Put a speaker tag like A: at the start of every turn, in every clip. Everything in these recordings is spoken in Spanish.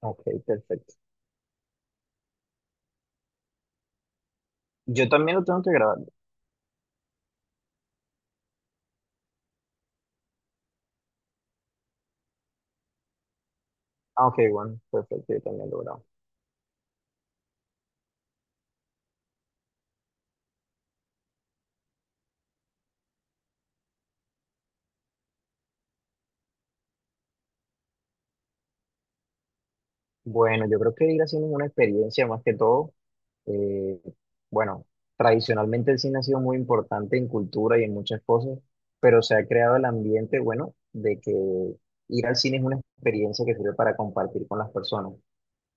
A: Ok, perfecto. Yo también lo tengo que grabar. Ah, ok, bueno, perfecto, yo también lo grabo. Bueno, yo creo que ir haciendo es una experiencia más que todo. eh, bueno, tradicionalmente el cine ha sido muy importante en cultura y en muchas cosas, pero se ha creado el ambiente, bueno, de que ir al cine es una experiencia que sirve para compartir con las personas.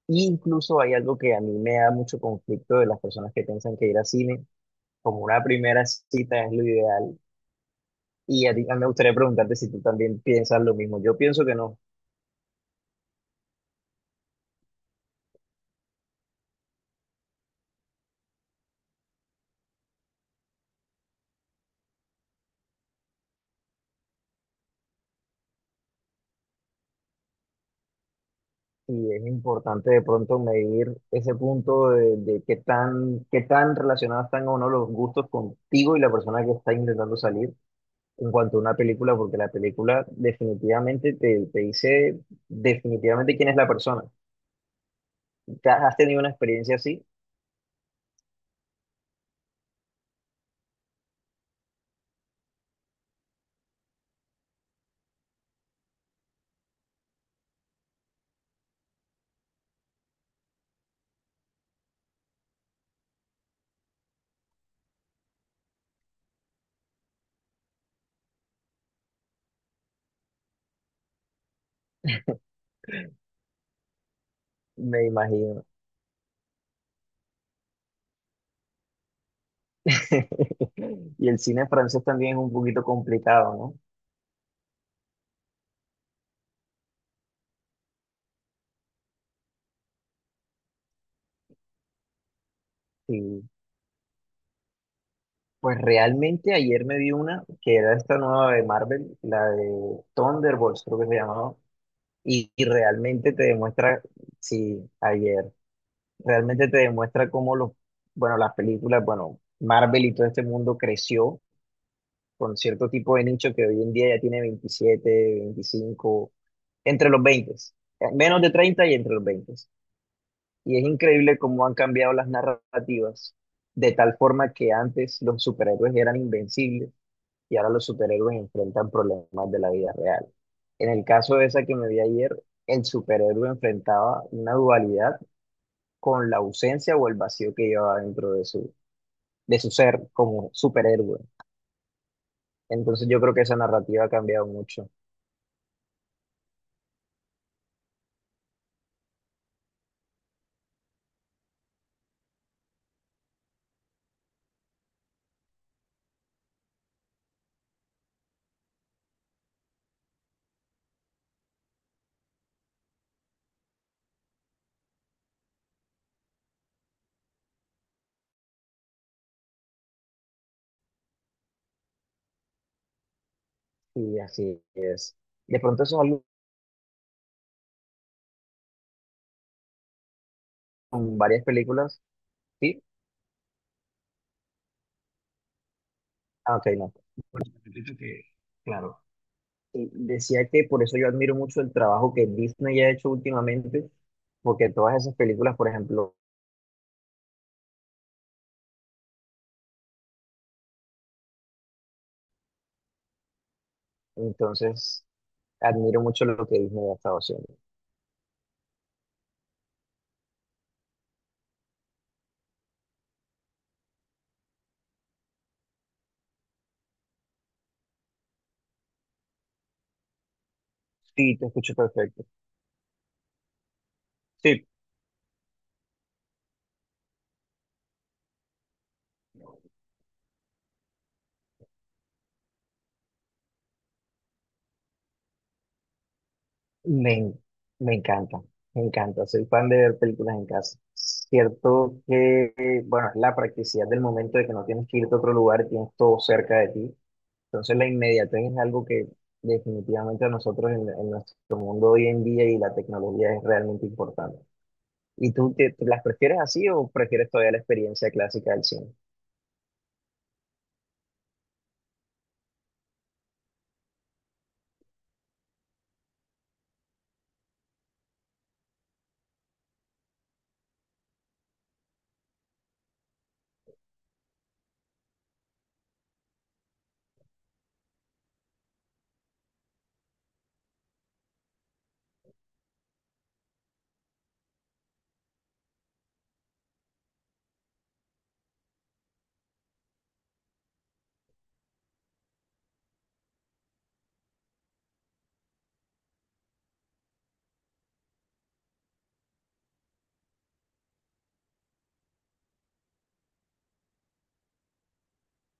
A: Y incluso hay algo que a mí me da mucho conflicto de las personas que piensan que ir al cine como una primera cita es lo ideal. Y a ti a mí me gustaría preguntarte si tú también piensas lo mismo. Yo pienso que no. Y es importante de pronto medir ese punto de qué tan relacionados están o no los gustos contigo y la persona que está intentando salir en cuanto a una película, porque la película definitivamente te dice definitivamente quién es la persona. ¿Te ¿Has tenido una experiencia así? Me imagino. Y el cine francés también es un poquito complicado, ¿no? Sí. Pues realmente ayer me vi una que era esta nueva de Marvel, la de Thunderbolts creo que se llamaba, y realmente te demuestra, sí, ayer, realmente te demuestra cómo los, bueno, las películas, bueno, Marvel y todo este mundo creció con cierto tipo de nicho que hoy en día ya tiene 27, 25, entre los 20, menos de 30 y entre los 20. Y es increíble cómo han cambiado las narrativas, de tal forma que antes los superhéroes eran invencibles y ahora los superhéroes enfrentan problemas de la vida real. En el caso de esa que me vi ayer, el superhéroe enfrentaba una dualidad con la ausencia o el vacío que llevaba dentro de su ser como superhéroe. Entonces yo creo que esa narrativa ha cambiado mucho y así es. De pronto eso es algo con varias películas, ¿sí? Ah, ok, no. Repito que, claro. Y decía que por eso yo admiro mucho el trabajo que Disney ha hecho últimamente, porque todas esas películas, por ejemplo, entonces admiro mucho lo que Disney ha estado haciendo. Sí, te escucho perfecto. Sí, me, en- me encanta, me encanta. Soy fan de ver películas en casa. Cierto que, bueno, es la practicidad del momento de que no tienes que irte a otro lugar, tienes todo cerca de ti. Entonces la inmediatez es algo que definitivamente a nosotros en nuestro mundo hoy en día y la tecnología es realmente importante. ¿Y tú te las prefieres así o prefieres todavía la experiencia clásica del cine?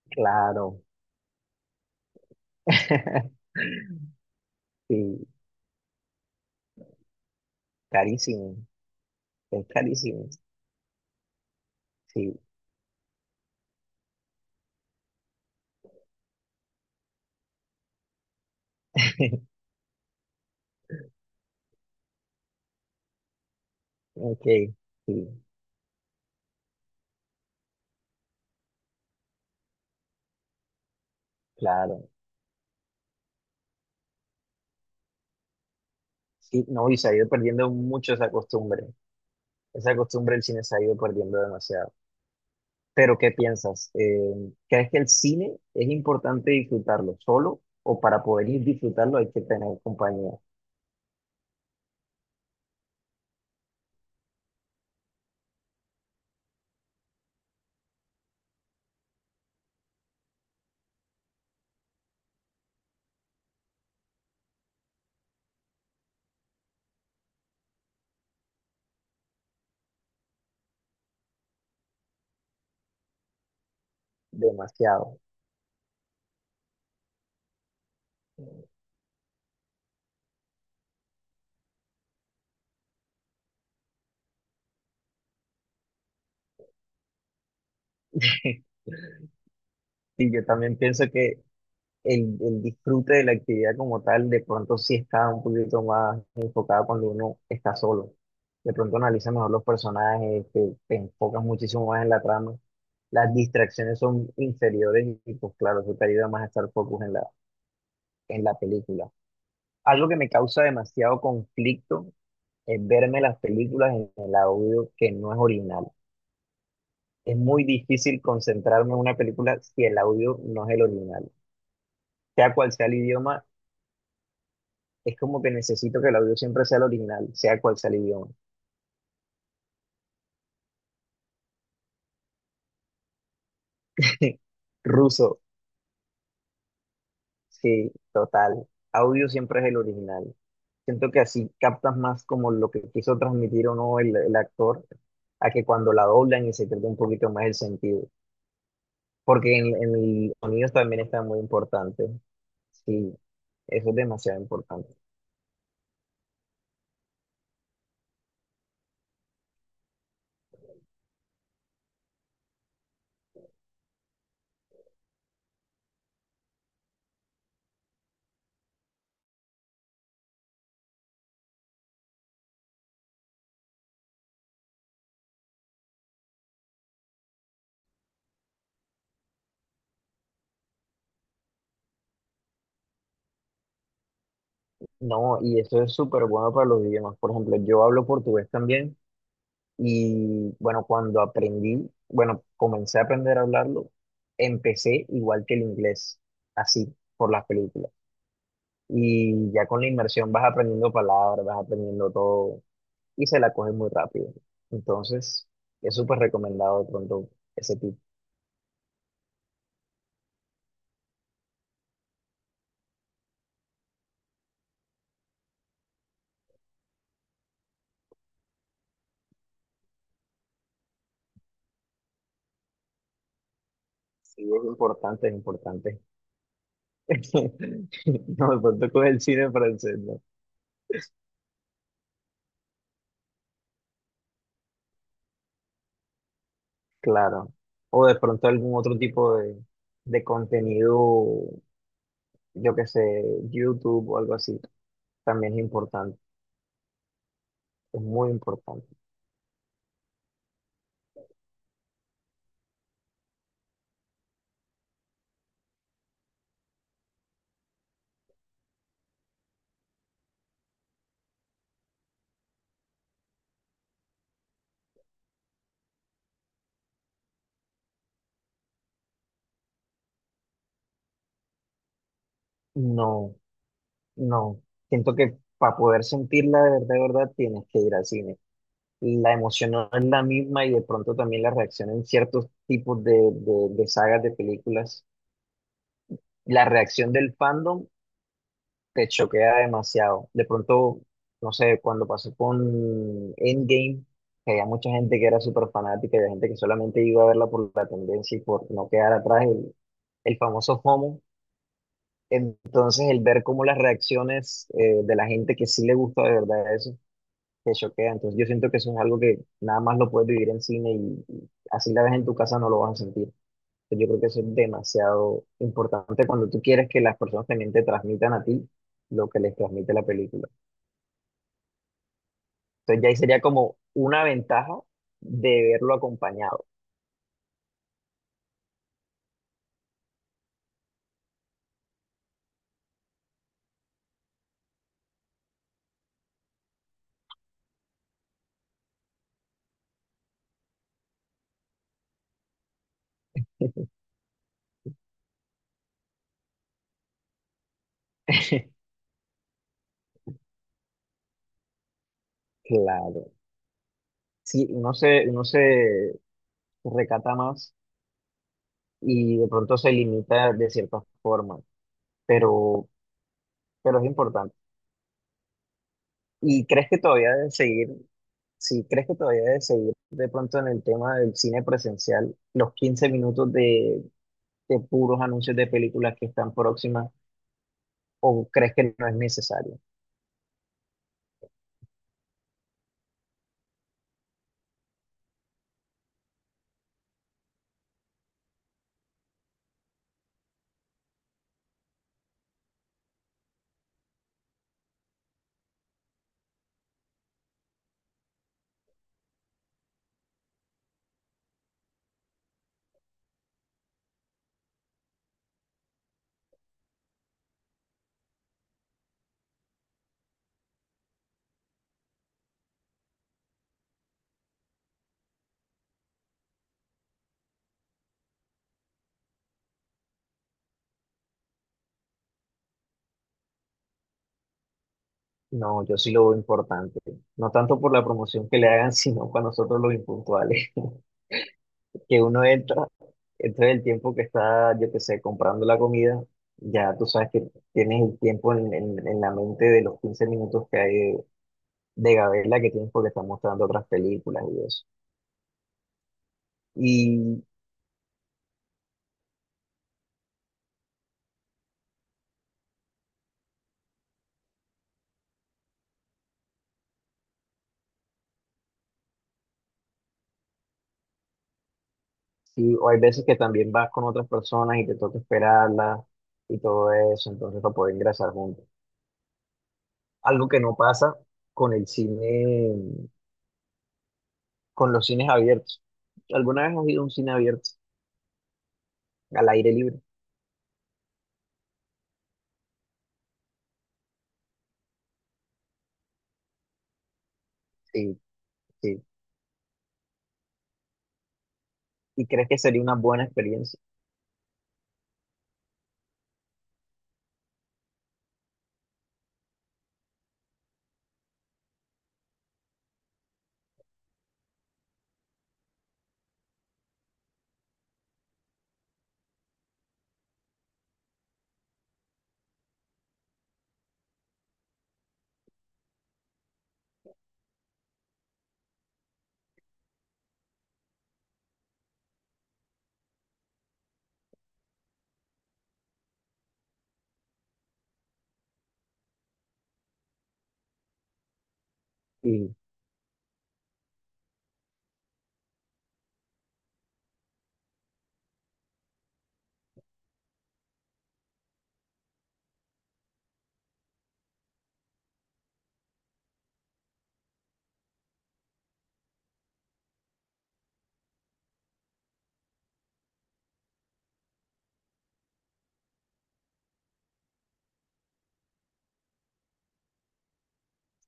A: Claro, sí, carísimo, es carísimo. Sí, ok, sí, claro. Sí, no, y se ha ido perdiendo mucho esa costumbre. Esa costumbre del cine se ha ido perdiendo demasiado. Pero, ¿qué piensas? ¿Crees que el cine es importante disfrutarlo solo o para poder disfrutarlo hay que tener compañía? Demasiado. Y yo también pienso que el disfrute de la actividad como tal, de pronto sí está un poquito más enfocada cuando uno está solo. De pronto analiza mejor los personajes, te enfocas muchísimo más en la trama. Las distracciones son inferiores y pues claro, eso te ayuda más a estar focus en la, película. Algo que me causa demasiado conflicto es verme las películas en el audio que no es original. Es muy difícil concentrarme en una película si el audio no es el original sea cual sea el idioma, es como que necesito que el audio siempre sea el original, sea cual sea el idioma. Ruso, sí, total. Audio siempre es el original. Siento que así captas más como lo que quiso transmitir o no el actor, a que cuando la doblan y se pierde un poquito más el sentido. Porque en el sonido también está muy importante. Sí, eso es demasiado importante. No, y eso es súper bueno para los idiomas. Por ejemplo, yo hablo portugués también. Y bueno, cuando aprendí, bueno, comencé a aprender a hablarlo, empecé igual que el inglés, así, por las películas. Y ya con la inmersión vas aprendiendo palabras, vas aprendiendo todo y se la coges muy rápido. Entonces, es súper recomendado de pronto ese tipo. Sí, es importante, es importante. No, de pronto con el cine francés, ¿no? Claro. O de pronto algún otro tipo de contenido, yo qué sé, YouTube o algo así. También es importante, es muy importante. No, no. Siento que para poder sentirla de verdad, tienes que ir al cine. La emoción no es la misma y de pronto también la reacción en ciertos tipos de sagas de películas. La reacción del fandom te choquea demasiado. De pronto, no sé, cuando pasó con Endgame, que había mucha gente que era súper fanática y había gente que solamente iba a verla por la tendencia y por no quedar atrás, el famoso FOMO. Entonces, el ver cómo las reacciones de la gente que sí le gusta de verdad eso, te choquea. Entonces, yo siento que eso es algo que nada más lo puedes vivir en cine y así la ves en tu casa no lo vas a sentir. Yo creo que eso es demasiado importante cuando tú quieres que las personas también te transmitan a ti lo que les transmite la película. Entonces, ya ahí sería como una ventaja de verlo acompañado. Claro. Sí, uno se recata más y de pronto se limita de cierta forma. Pero pero es importante. ¿Y crees que todavía debes seguir, si crees que todavía debes seguir de pronto en el tema del cine presencial, los 15 minutos de puros anuncios de películas que están próximas, o crees que no es necesario? No, yo sí lo veo importante. No tanto por la promoción que le hagan, sino para nosotros los impuntuales, que uno entra, entra el tiempo que está, yo qué sé, comprando la comida. Ya tú sabes que tienes el tiempo en, en la mente de los 15 minutos que hay de Gabela que tienes porque están mostrando otras películas y eso. Y, o hay veces que también vas con otras personas y te toca esperarlas y todo eso, entonces para poder ingresar juntos. Algo que no pasa con el cine, con los cines abiertos. ¿Alguna vez has ido a un cine abierto, al aire libre? Sí, sí. ¿Y crees que sería una buena experiencia?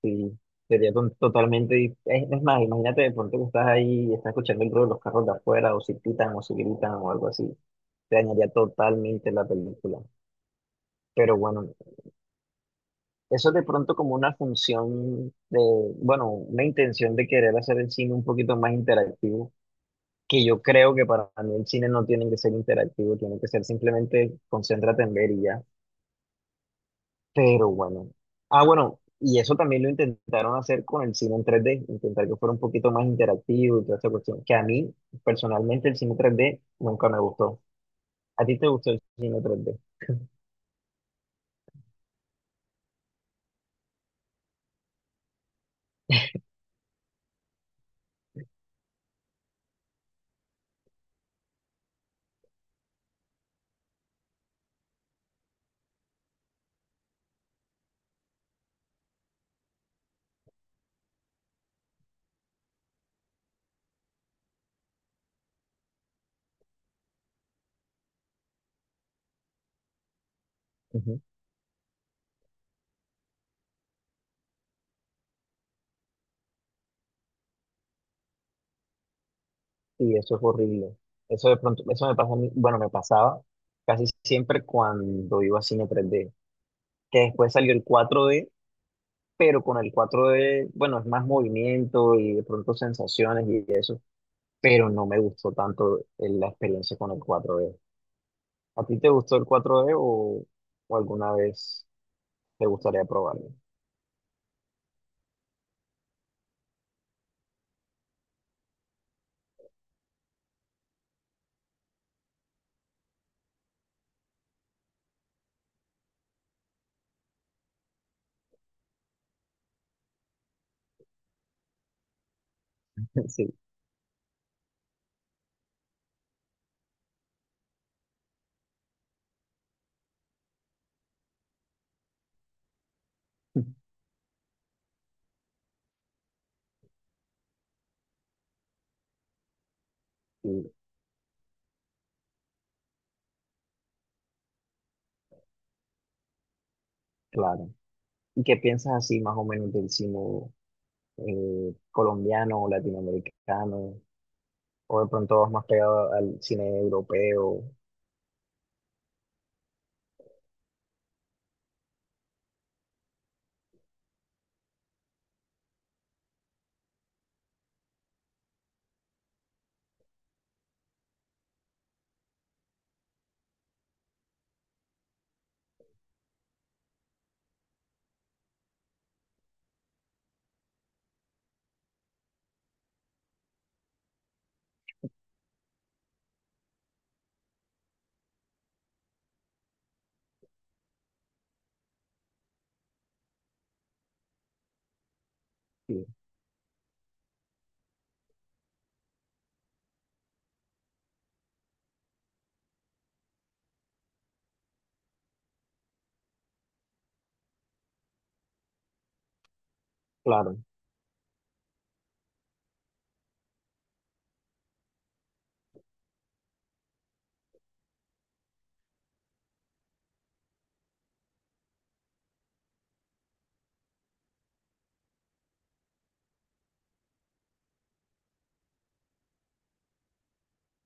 A: Sí, sería totalmente. Es más, imagínate de pronto que estás ahí y estás escuchando el ruido de los carros de afuera, o si pitan, o si gritan, o algo así. Te dañaría totalmente la película. Pero bueno, eso es de pronto como una función de, bueno, una intención de querer hacer el cine un poquito más interactivo, que yo creo que para mí el cine no tiene que ser interactivo, tiene que ser simplemente concéntrate en ver y ya. Pero bueno. Ah, bueno, y eso también lo intentaron hacer con el cine en tres d, intentar que fuera un poquito más interactivo y toda esa cuestión, que a mí personalmente el cine tres d nunca me gustó. ¿A ti te gustó el cine tres d? Ujú. Y eso es horrible. Eso de pronto, eso me pasa a mí, bueno, me pasaba casi siempre cuando iba a cine tres d, que después salió el cuatro d, pero con el cuatro d, bueno, es más movimiento y de pronto sensaciones y eso, pero no me gustó tanto la experiencia con el cuatro d. ¿A ti te gustó el cuatro d o alguna vez te gustaría probarlo? Sí, sí, claro. ¿Y qué piensas así más o menos del cine colombiano o latinoamericano? ¿O de pronto vas más pegado al cine europeo? Sí, claro.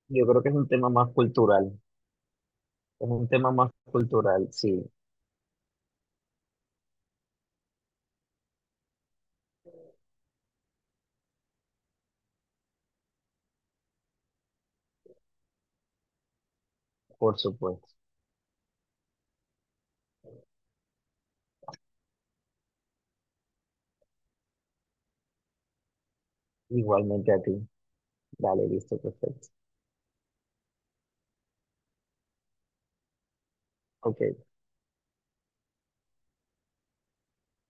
A: Yo creo que es un tema más cultural. Es un tema más cultural, sí, por supuesto. Igualmente a ti. Dale, listo, perfecto. Ok.